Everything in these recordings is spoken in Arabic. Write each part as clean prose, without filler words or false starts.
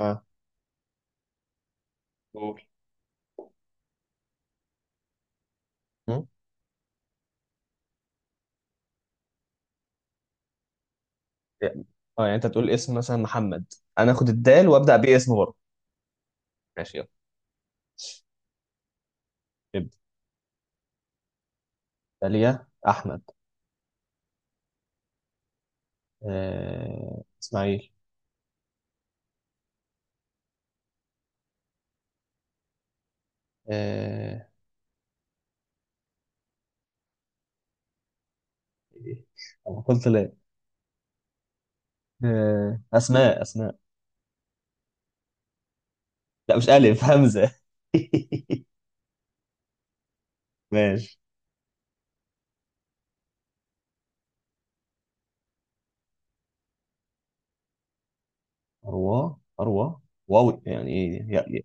اه. قول. مم؟ يعني- اه، يعني انت تقول اسم مثلا محمد. انا اخد الدال وابدا بيه اسم برضه. ماشي، يلا ابدا. داليا احمد. اسماعيل. آه... إيه؟ أنا قلت لا. اسماء اسماء. لا، مش الف همزه. ماشي. اروى. واو، يعني ايه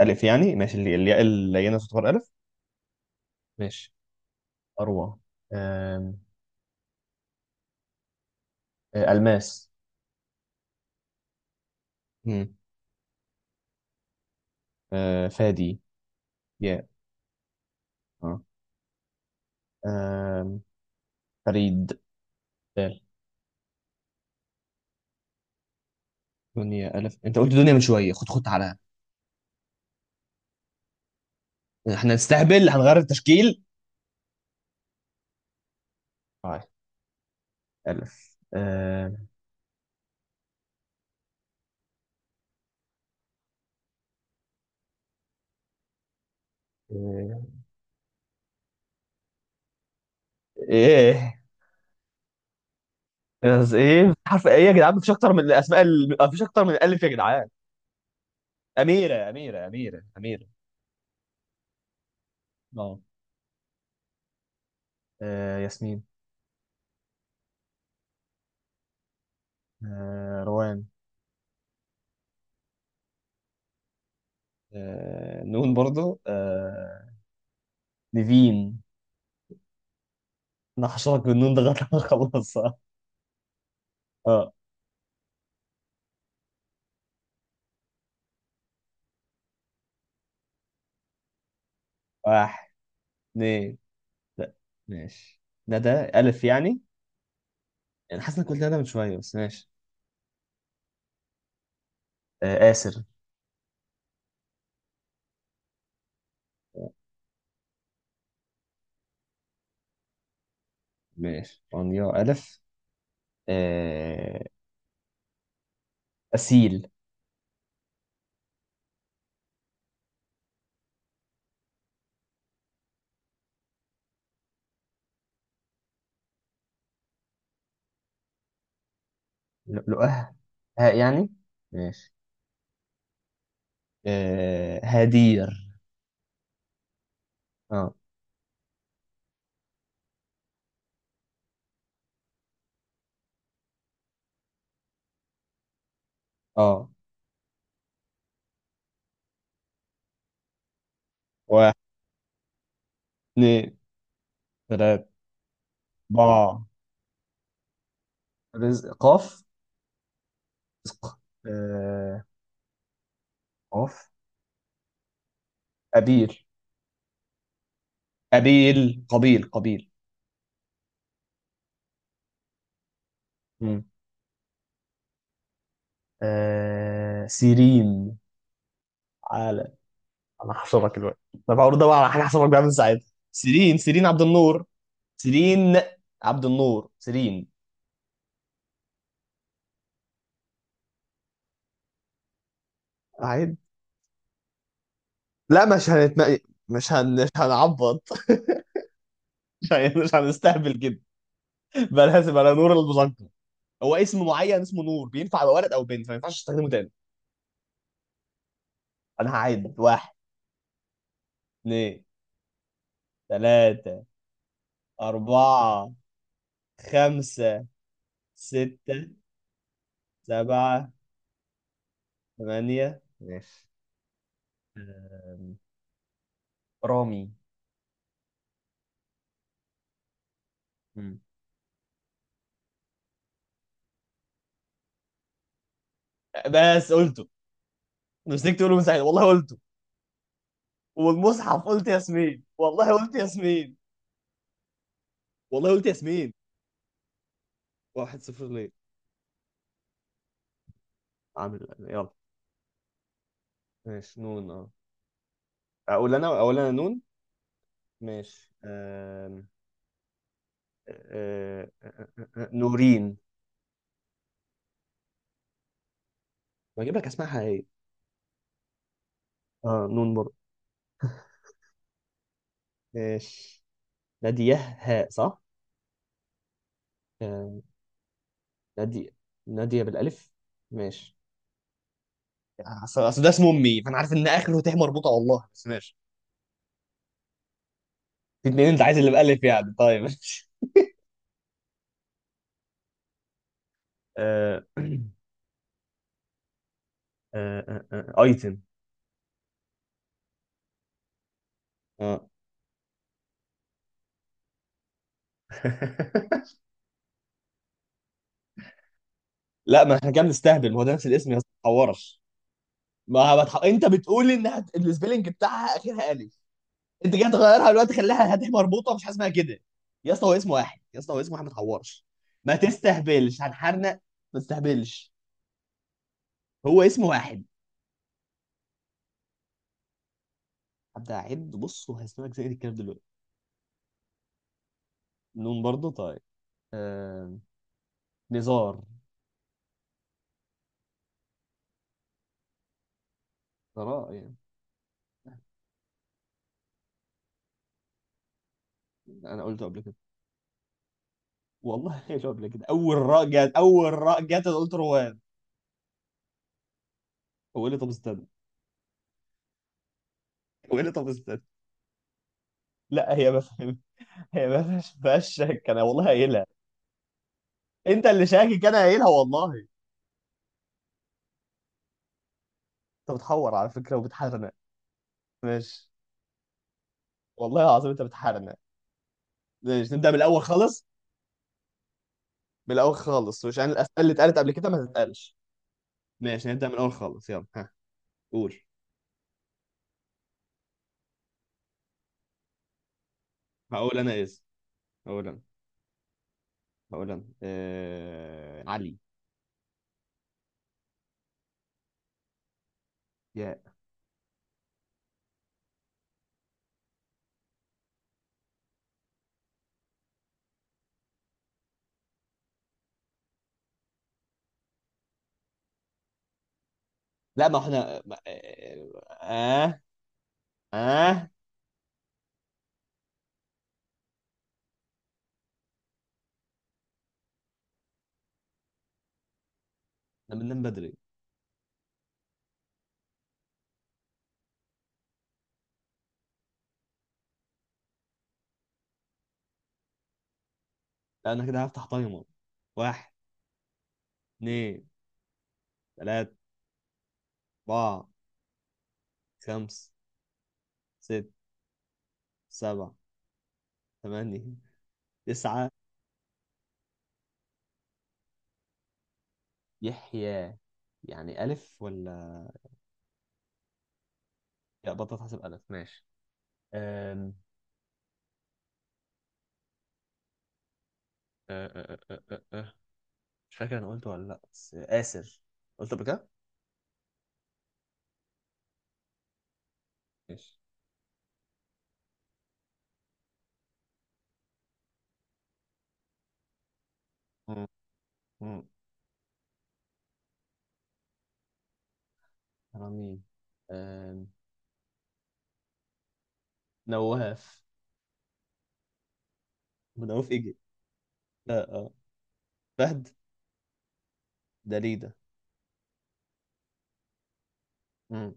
الف؟ يعني ماشي، اللي الياء اللينه تعتبر الف. ماشي. اروى. آم، الماس. مم. فادي. ياء. آم، فريد. بال. دنيا ألف؟ أنت قلت دنيا من شوية. خد خد على، إحنا نستهبل هنغير التشكيل؟ طيب. ألف. إيه، إيه، بس إيه حرف إيه يا جدعان؟ مفيش أكتر من مفيش أكتر من ألف يا جدعان. أميرة. أه. آه، ياسمين. آه، روان. آه، نون برضو. آه، نيفين. أنا هشرك بالنون ده لغاية ما أخلصها. أه. واحد، اتنين. لا. ماشي. ندى ألف يعني. يعني حاسس انك قلت ده من شويه، بس ماشي. آه آسر. ماشي، انيا الف. آه أسيل. لؤلؤه ها يعني؟ ماشي. آه هدير. اه. اه. واحد، اثنين، ثلاثة، أربعة. رزق قاف. رزق. آه قاف. أبير. قبيل. مم. آه سيرين. على، انا هحشرك دلوقتي. طب هقول ده بقى على حاجه هحشرك بيها من ساعتها. سيرين عبد النور. سيرين عبد النور. سيرين. عيب. لا مش هنتم... مش هنعبط. مش هنستهبل كده. بقى لازم على نور المذكر. هو اسم معين اسمه نور بينفع يبقى ولد او بنت، فما ينفعش تستخدمه تاني. انا هعد. واحد، اثنين، ثلاثة، أربعة، خمسة، ستة، سبعة، ثمانية. ماشي. أم، رامي. مم. بس قلته. مسكت تقوله من ساعتها، والله قلته. والمصحف قلت ياسمين، والله قلت ياسمين، والله قلت ياسمين. واحد صفر ليه؟ عامل يلا. ماشي نون اه. اقول انا نون. ماشي. آه... آه... نورين. بجيب لك اسمها حقيقية. اه نون برضه. ماشي. نادية هاء، صح؟ آه... نادية. نادية بالألف. ماشي. اصل ده اسم امي، فانا عارف ان اخره تاء مربوطه والله، بس ماشي. في اتنين، انت عايز اللي بألف يعني؟ طيب ماشي. آه... ايتم. اه. لا ما احنا كده بنستهبل، ما هو ده نفس الاسم يا اسطى، ما تحورش. ما هو بتح... انت السبيلنج بتاعها اخرها الف، انت كده تغيرها دلوقتي، خليها هتح مربوطه، مش حاجه اسمها كده. يا اسطى هو اسمه واحد، يا اسطى هو اسمه واحد، ما تحورش. ما تستهبلش، هنحرنق. ما تستهبلش. هو اسمه واحد. هبدا اعد بص وهسمعك زي الكلام دلوقتي. نون برضه طيب. آه... نزار. ثراء يعني. انا قلته قبل كده. والله قلته قبل كده. اول راء جت أنا قلت روان. هو قال لي طب استنى. هو قال لي طب استنى. لا هي ما فهمتش، هي ما فيهاش شك، انا والله قايلها. انت اللي شاكك، انا قايلها والله. انت بتحور على فكره وبتحرنق. ماشي، والله العظيم انت بتحرنق. ماشي نبدا من الاول خالص، من الاول خالص، وعشان الاسئله اللي اتقالت قبل كده ما تتقالش. ماشي نبدا من الاول خالص. يلا ها، قول. هقول انا اسم. هقول انا هقول انا علي. يا. لا ما احنا ما- اه. اه. آه، انا بننام بدري. لا انا كده هفتح تايمر. واحد، اثنين، ثلاثة، أربعة، خمسة، ستة، سبعة، ثمانية، تسعة. يحيى. يعني ألف ولا؟ لا بطل تحسب ألف، ماشي. أم... أه أه أه أه أه. آه. مش فاكر أنا قلته ولا لأ، بس آسر، قلت قبل كده؟ ماشي. مم. مم. رامين. أم... نواف. نواف إيجي. أه أه، فهد. دليدة. مم.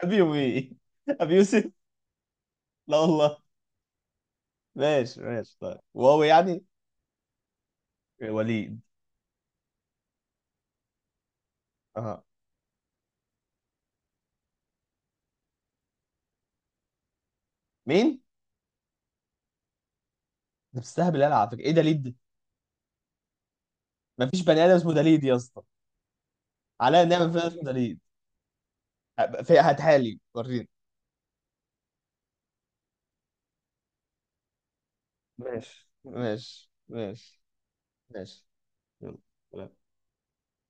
أبي يومي أبي يوسف. لا والله. ماشي ماشي، طيب واو يعني. وليد. أه. مين؟ ده بتستهبل أنا على فكرة، إيه دليد؟ مفيش بني آدم اسمه دليد يا اسطى. عليا نعمل فيها اسم دليل. في، هاتها لي وريني. ماشي ماشي ماشي. ماشي. يلا.